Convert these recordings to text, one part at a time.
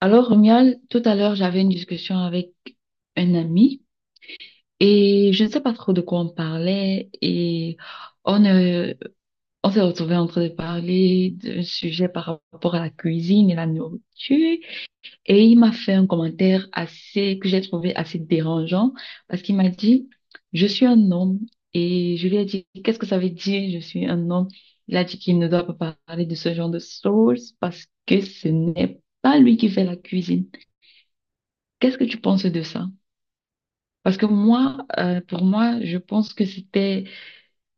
Alors, Romuald, tout à l'heure, j'avais une discussion avec un ami et je ne sais pas trop de quoi on parlait et on, euh, on s'est retrouvé en train de parler d'un sujet par rapport à la cuisine et la nourriture et il m'a fait un commentaire assez, que j'ai trouvé assez dérangeant parce qu'il m'a dit, je suis un homme et je lui ai dit, qu'est-ce que ça veut dire, je suis un homme? Il a dit qu'il ne doit pas parler de ce genre de choses parce que ce n'est pas lui qui fait la cuisine. Qu'est-ce que tu penses de ça? Parce que pour moi, je pense que c'était...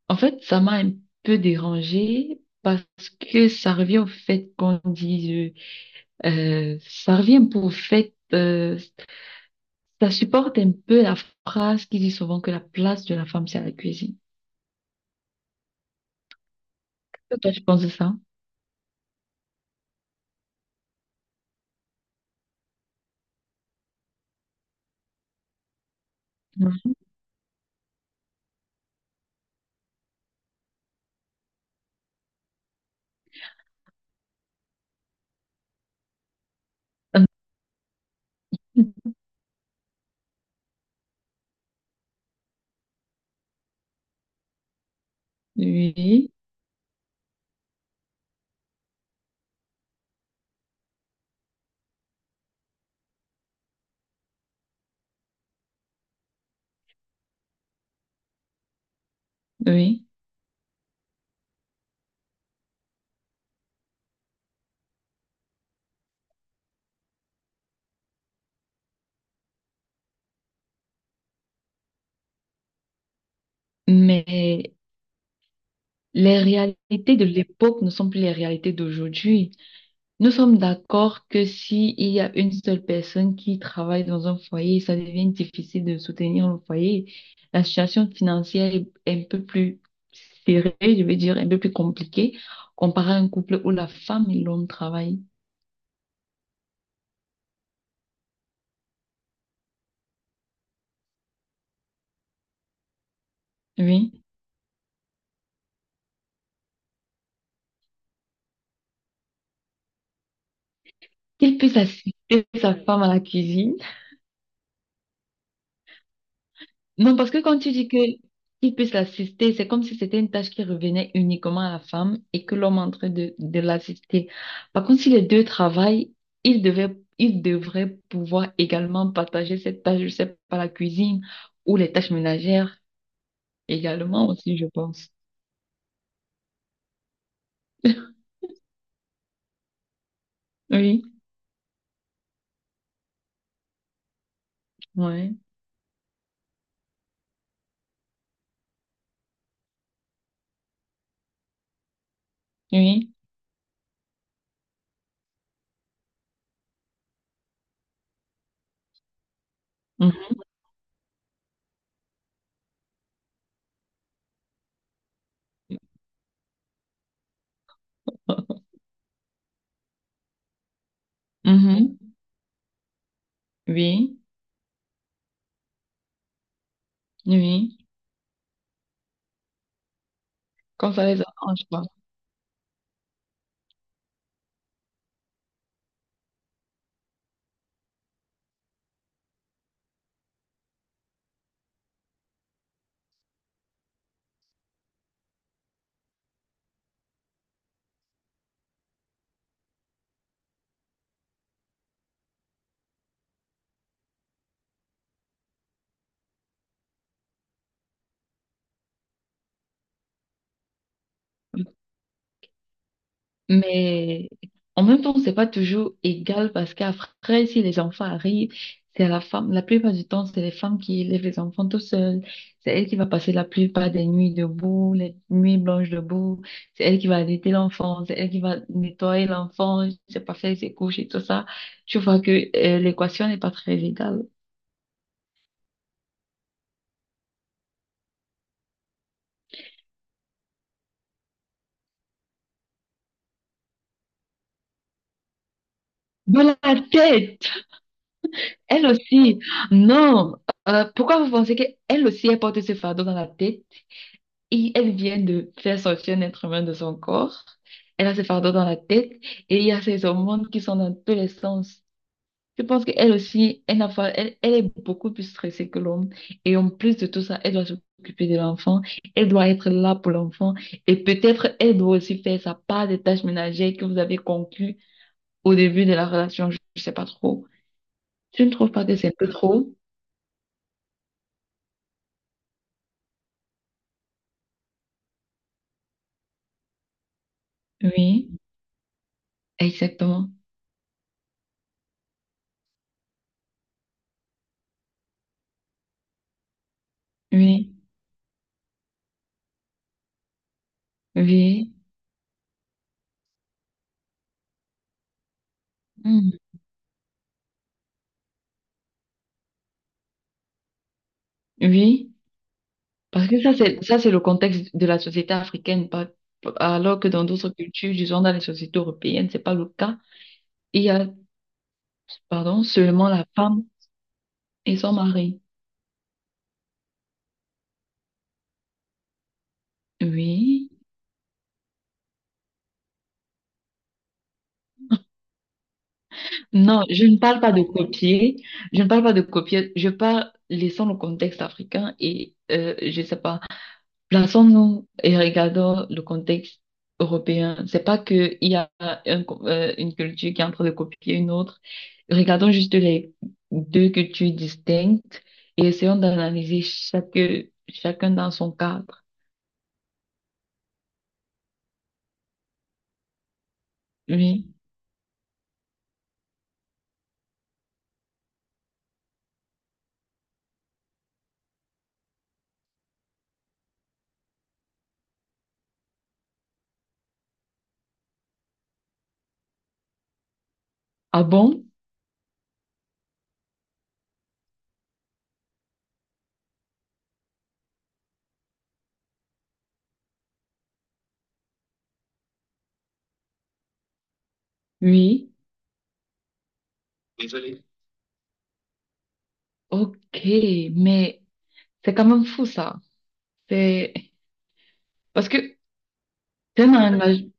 En fait, ça m'a un peu dérangée parce que ça revient au fait qu'on dise... ça revient un peu au fait... ça supporte un peu la phrase qui dit souvent que la place de la femme, c'est à la cuisine. Toi, tu penses de ça? Ouais. Oui, oui. Mais les réalités de l'époque ne sont plus les réalités d'aujourd'hui. Nous sommes d'accord que si il y a une seule personne qui travaille dans un foyer, ça devient difficile de soutenir le foyer. La situation financière est un peu plus serrée, je veux dire, un peu plus compliquée comparé à un couple où la femme et l'homme travaillent. Oui. Qu'il puisse assister sa femme à la cuisine. Non, parce que quand tu dis que qu'il puisse l'assister, c'est comme si c'était une tâche qui revenait uniquement à la femme et que l'homme est en train de l'assister. Par contre, si les deux travaillent, ils devraient pouvoir également partager cette tâche, je sais pas, la cuisine ou les tâches ménagères également aussi, je pense. Oui, ouais, oui, mhm, mhm, oui, oui. Comme ça, les arrange quoi. Mais en même temps, c'est pas toujours égal parce qu'après, si les enfants arrivent, c'est la femme, la plupart du temps, c'est les femmes qui élèvent les enfants tout seules. C'est elle qui va passer la plupart des nuits debout, les nuits blanches debout. C'est elle qui va allaiter l'enfant, c'est elle qui va nettoyer l'enfant, c'est pas faire ses couches et tout ça. Tu vois que l'équation n'est pas très égale. De la tête, elle aussi. Non, pourquoi vous pensez qu'elle aussi, elle porte ce fardeau dans la tête? Et elle vient de faire sortir un être humain de son corps. Elle a ses fardeaux dans la tête et il y a ses hormones qui sont dans tous les sens. Je pense qu'elle aussi, elle n'a pas, elle, elle est beaucoup plus stressée que l'homme. Et en plus de tout ça, elle doit s'occuper de l'enfant. Elle doit être là pour l'enfant. Et peut-être, elle doit aussi faire sa part des tâches ménagères que vous avez conclues au début de la relation. Je ne sais pas trop. Tu ne trouves pas que c'est un peu trop? Oui, exactement. Oui, oui, hmm, oui. Parce que ça, c'est le contexte de la société africaine, pas- alors que dans d'autres cultures, disons dans les sociétés européennes, c'est pas le cas. Il y a, pardon, seulement la femme et son mari. Oui. Non, je ne parle pas de copier. Je ne parle pas de copier. Je parle, laissant le contexte africain je sais pas. Plaçons-nous et regardons le contexte européen. C'est pas qu'il y a un une culture qui est en train de copier une autre. Regardons juste les deux cultures distinctes et essayons d'analyser chacun dans son cadre. Oui. Ah bon? Oui. Ok. Mais c'est quand même fou ça. C'est parce que c'est un engagement.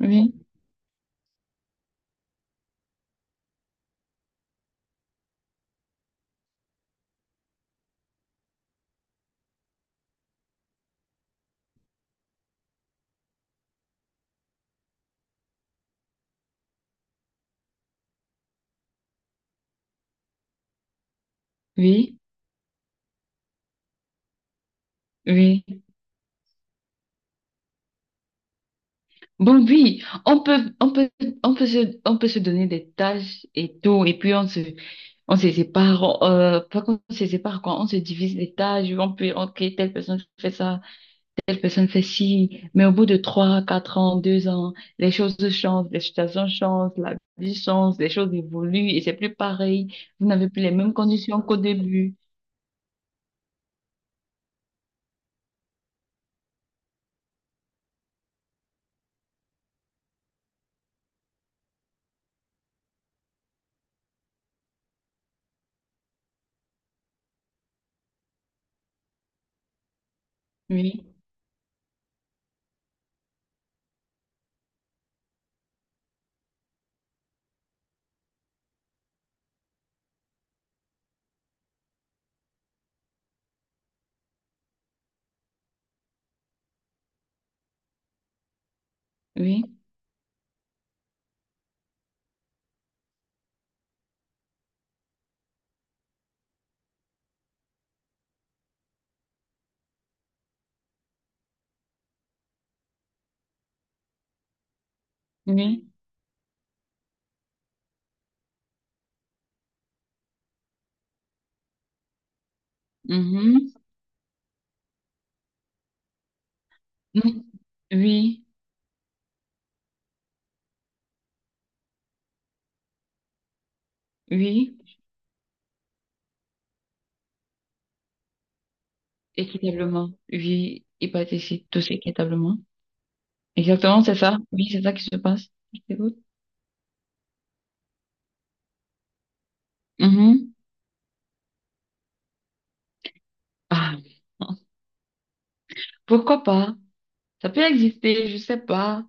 Oui. Oui. Oui. Bon, oui, on peut se donner des tâches et tout, et puis on se sépare, pas qu'on se sépare, quoi, on se divise les tâches, on peut, ok, telle personne fait ça, telle personne fait ci, mais au bout de trois, quatre ans, deux ans, les choses changent, les situations changent, la vie change, les choses évoluent, et c'est plus pareil, vous n'avez plus les mêmes conditions qu'au début. Oui, oui, oui, mhm, mhm, oui, oui. Équitablement, oui, et participe tous équitablement. Exactement, c'est ça. Oui, c'est ça qui se passe. Je t'écoute. Mhm. Ah, pourquoi pas? Ça peut exister, je sais pas.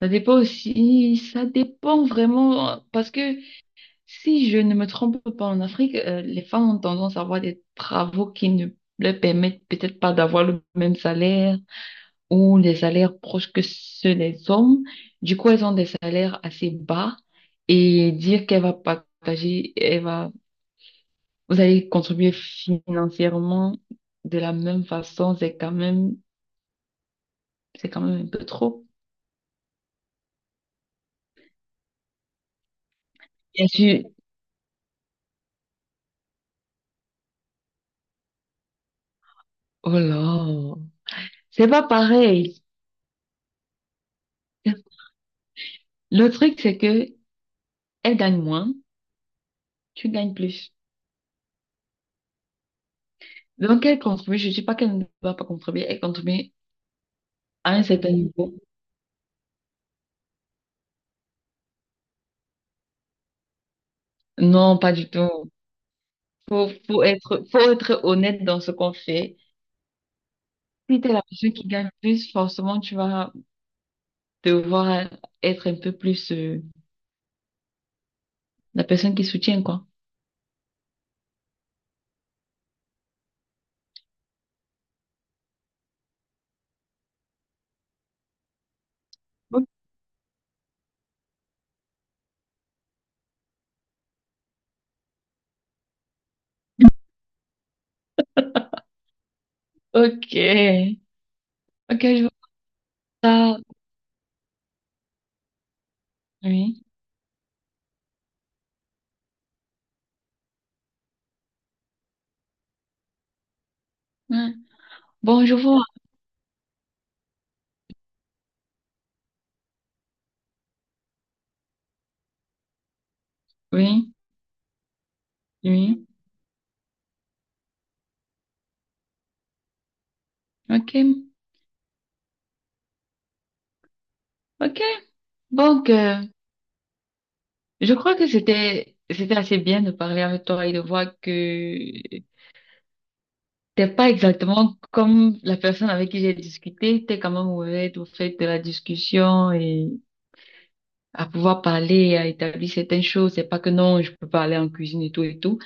Ça dépend aussi, ça dépend vraiment, parce que si je ne me trompe pas, en Afrique, les femmes ont tendance à avoir des travaux qui ne leur permettent peut-être pas d'avoir le même salaire ou des salaires proches que ceux des hommes. Du coup, elles ont des salaires assez bas et dire qu'elle va partager, elle va, vous allez contribuer financièrement de la même façon, c'est quand même un peu trop. Bien sûr. Oh là, c'est pas pareil. Le truc, c'est que elle gagne moins, tu gagnes plus. Donc, elle contribue, je ne dis pas qu'elle ne va pas contribuer, elle contribue à un certain niveau. Non, pas du tout. Faut être honnête dans ce qu'on fait. Si t'es la personne qui gagne plus, forcément, tu vas devoir être un peu plus la personne qui soutient, quoi. Ok. Ok, Ok, je vois ça. Oui. Ouais. Bon, je vois. Oui. Oui. Ok. Ok. Donc, euh, je crois que c'était assez bien de parler avec toi et de voir que t'es pas exactement comme la personne avec qui j'ai discuté. T'es quand même ouverte au fait de la discussion et à pouvoir parler, à établir certaines choses. C'est pas que non, je peux parler en cuisine et tout et tout.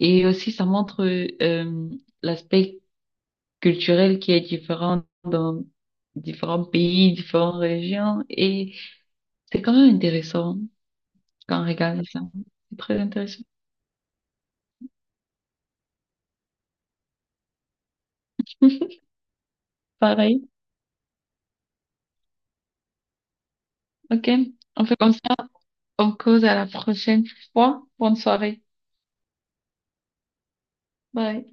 Et aussi, ça montre euh, l'aspect culturel qui est différent dans différents pays, différentes régions. Et c'est quand même intéressant quand on regarde ça. C'est très intéressant. Pareil. OK. On fait comme ça. On cause à la prochaine fois. Bonne soirée. Bye.